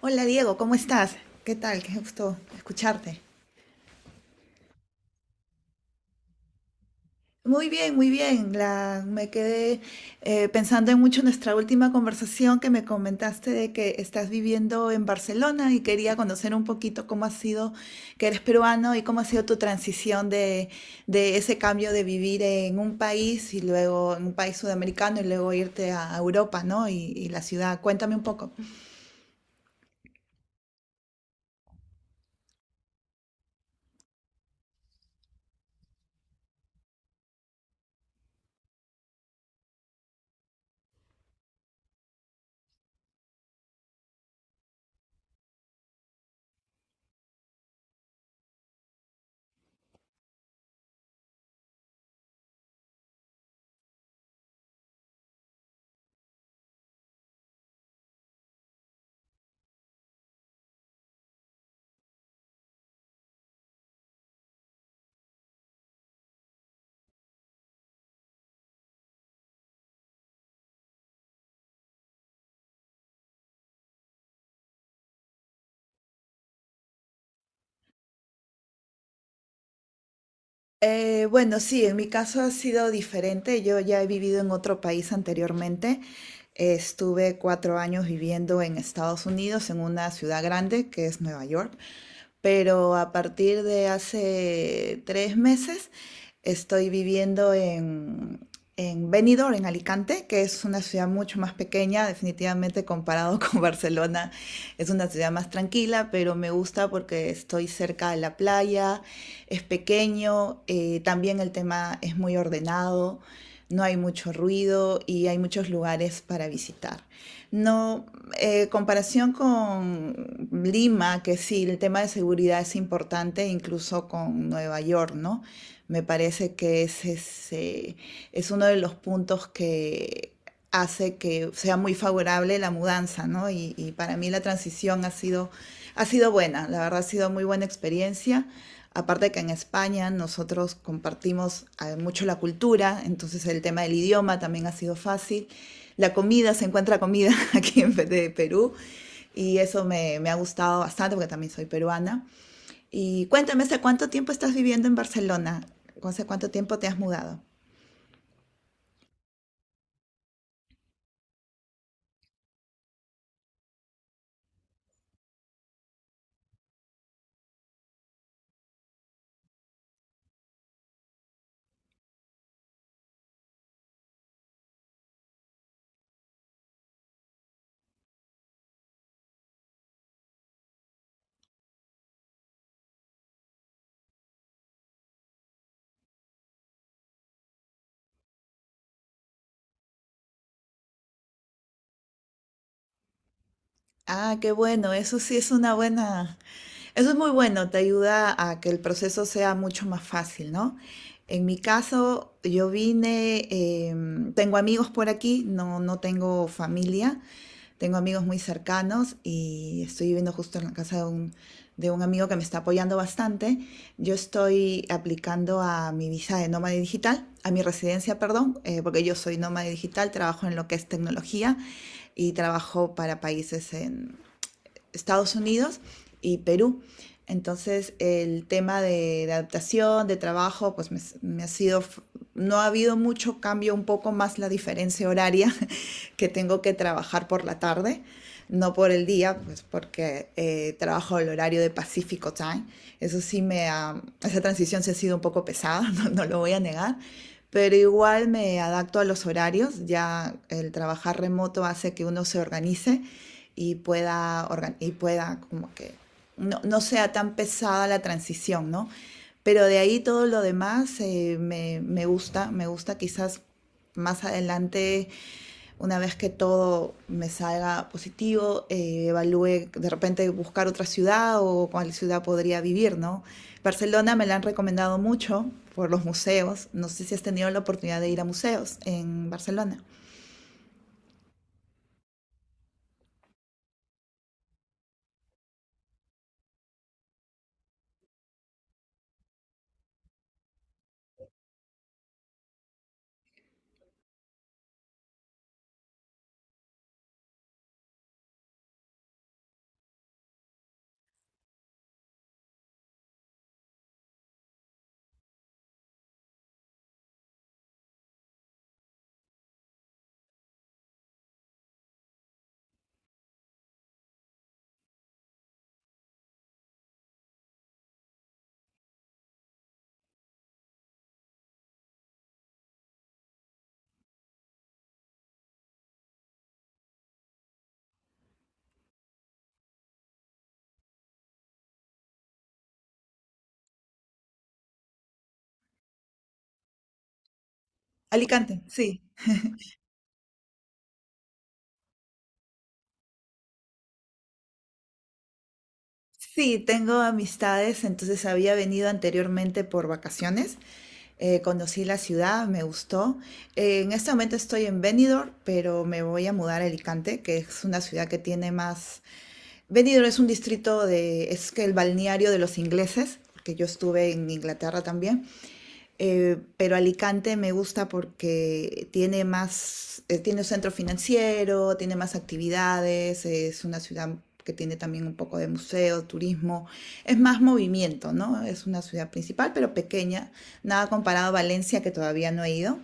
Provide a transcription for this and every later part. Hola Diego, ¿cómo estás? ¿Qué tal? Qué gusto escucharte. Muy bien, muy bien. Me quedé pensando en mucho nuestra última conversación que me comentaste de que estás viviendo en Barcelona y quería conocer un poquito cómo ha sido, que eres peruano y cómo ha sido tu transición de ese cambio de vivir en un país y luego en un país sudamericano y luego irte a Europa, ¿no? Y la ciudad. Cuéntame un poco. Bueno, sí, en mi caso ha sido diferente. Yo ya he vivido en otro país anteriormente. Estuve 4 años viviendo en Estados Unidos, en una ciudad grande que es Nueva York. Pero a partir de hace 3 meses estoy viviendo en Benidorm, en Alicante, que es una ciudad mucho más pequeña, definitivamente comparado con Barcelona. Es una ciudad más tranquila, pero me gusta porque estoy cerca de la playa, es pequeño, también el tema es muy ordenado, no hay mucho ruido y hay muchos lugares para visitar. No, comparación con Lima, que sí, el tema de seguridad es importante, incluso con Nueva York, ¿no? Me parece que ese es uno de los puntos que hace que sea muy favorable la mudanza, ¿no? Y para mí la transición ha sido buena, la verdad ha sido muy buena experiencia. Aparte que en España nosotros compartimos mucho la cultura, entonces el tema del idioma también ha sido fácil. La comida, se encuentra comida aquí en de Perú y eso me ha gustado bastante porque también soy peruana. Y cuéntame, ¿hace cuánto tiempo estás viviendo en Barcelona? ¿Hace cuánto tiempo te has mudado? Ah, qué bueno, eso sí es una buena, eso es muy bueno, te ayuda a que el proceso sea mucho más fácil, ¿no? En mi caso, yo vine, tengo amigos por aquí, no tengo familia, tengo amigos muy cercanos y estoy viviendo justo en la casa de un amigo que me está apoyando bastante. Yo estoy aplicando a mi visa de nómada digital, a mi residencia, perdón, porque yo soy nómada digital, trabajo en lo que es tecnología y trabajo para países en Estados Unidos y Perú. Entonces el tema de adaptación, de trabajo, pues me ha sido, no ha habido mucho cambio, un poco más la diferencia horaria que tengo que trabajar por la tarde, no por el día, pues porque trabajo el horario de Pacifico Time. Eso sí me ha, esa transición se ha sido un poco pesada, no, no lo voy a negar, pero igual me adapto a los horarios, ya el trabajar remoto hace que uno se organice y pueda como que no, no, sea tan pesada la transición, ¿no? Pero de ahí todo lo demás me gusta, me gusta quizás más adelante, una vez que todo me salga positivo, evalúe de repente buscar otra ciudad o cuál ciudad podría vivir, ¿no? Barcelona me la han recomendado mucho por los museos. No sé si has tenido la oportunidad de ir a museos en Barcelona. Alicante, sí. Sí, tengo amistades, entonces había venido anteriormente por vacaciones, conocí la ciudad, me gustó. En este momento estoy en Benidorm, pero me voy a mudar a Alicante, que es una ciudad que tiene más... Benidorm es un distrito de... es que el balneario de los ingleses, porque yo estuve en Inglaterra también. Pero Alicante me gusta porque tiene más, tiene un centro financiero, tiene más actividades, es una ciudad que tiene también un poco de museo, turismo, es más movimiento, ¿no? Es una ciudad principal, pero pequeña, nada comparado a Valencia, que todavía no he ido.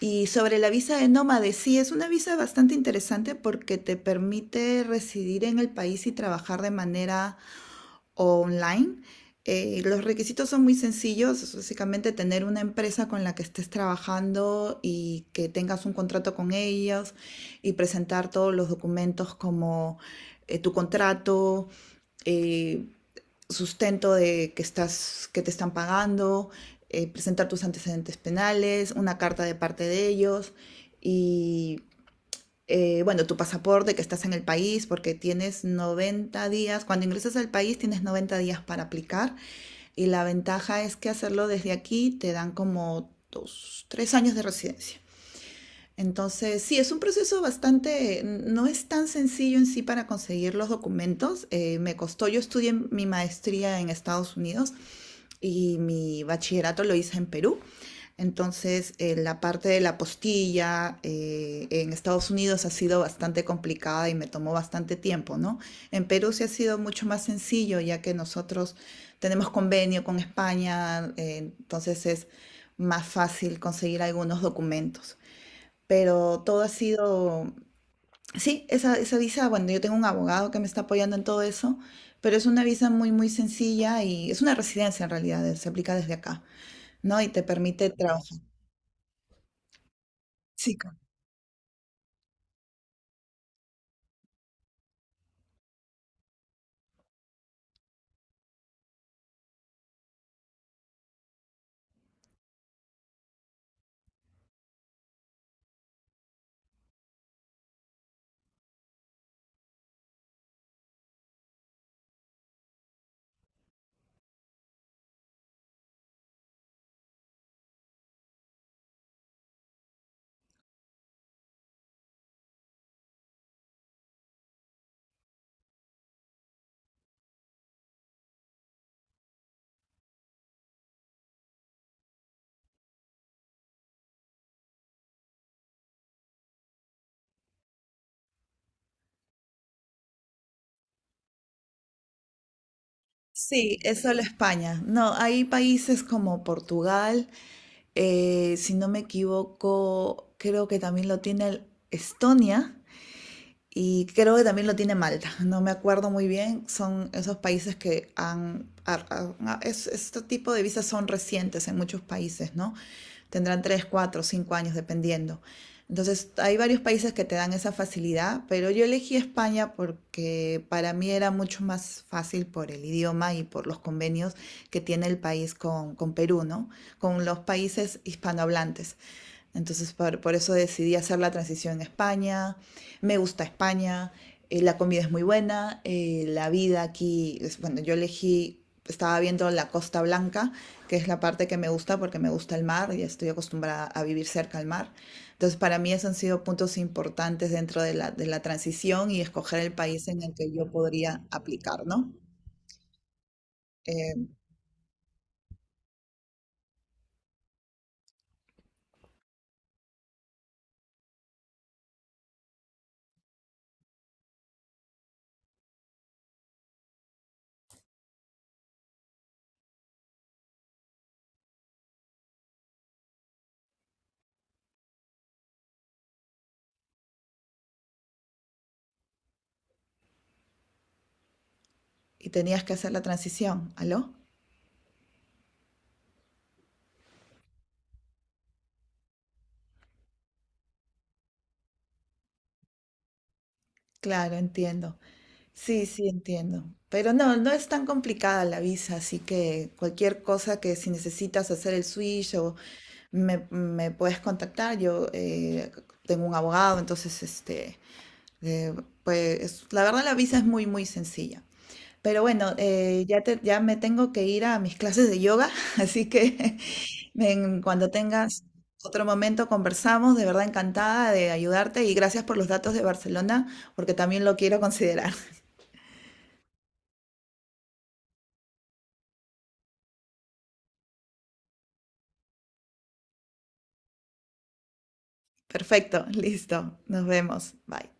Y sobre la visa de nómade, sí, es una visa bastante interesante porque te permite residir en el país y trabajar de manera o online. Los requisitos son muy sencillos, es básicamente tener una empresa con la que estés trabajando y que tengas un contrato con ellos y presentar todos los documentos como tu contrato, eh, sustento de que estás, que te están pagando, presentar tus antecedentes penales, una carta de parte de ellos y bueno, tu pasaporte, que estás en el país, porque tienes 90 días, cuando ingresas al país tienes 90 días para aplicar y la ventaja es que hacerlo desde aquí te dan como 2, 3 años de residencia. Entonces, sí, es un proceso bastante, no es tan sencillo en sí para conseguir los documentos. Me costó, yo estudié mi maestría en Estados Unidos y mi bachillerato lo hice en Perú. Entonces, la parte de la postilla en Estados Unidos ha sido bastante complicada y me tomó bastante tiempo, ¿no? En Perú sí ha sido mucho más sencillo, ya que nosotros tenemos convenio con España, entonces es más fácil conseguir algunos documentos. Pero todo ha sido, sí, esa visa, bueno, yo tengo un abogado que me está apoyando en todo eso, pero es una visa muy, muy sencilla y es una residencia en realidad, se aplica desde acá, ¿no? Y te permite trabajar. Sí, claro. Sí, es solo España. No, hay países como Portugal, si no me equivoco, creo que también lo tiene Estonia y creo que también lo tiene Malta. No me acuerdo muy bien, son esos países que han... este tipo de visas son recientes en muchos países, ¿no? Tendrán 3 4 5 años, dependiendo. Entonces, hay varios países que te dan esa facilidad, pero yo elegí España porque para mí era mucho más fácil por el idioma y por los convenios que tiene el país con Perú, ¿no? Con los países hispanohablantes. Entonces, por eso decidí hacer la transición en España. Me gusta España, la comida es muy buena, la vida aquí, bueno, yo elegí, estaba viendo la Costa Blanca, que es la parte que me gusta porque me gusta el mar y estoy acostumbrada a vivir cerca al mar. Entonces, para mí esos han sido puntos importantes dentro de de la transición y escoger el país en el que yo podría aplicar, ¿no? Eh, y tenías que hacer la transición, ¿aló? Claro, entiendo. Sí, sí, entiendo. Pero no, no es tan complicada la visa, así que cualquier cosa que si necesitas hacer el switch o me puedes contactar, yo tengo un abogado, entonces, este, eh, pues la verdad la visa es muy, muy sencilla. Pero bueno, ya, ya me tengo que ir a mis clases de yoga, así que ven, cuando tengas otro momento conversamos, de verdad encantada de ayudarte y gracias por los datos de Barcelona, porque también lo quiero considerar. Perfecto, listo. Nos vemos. Bye.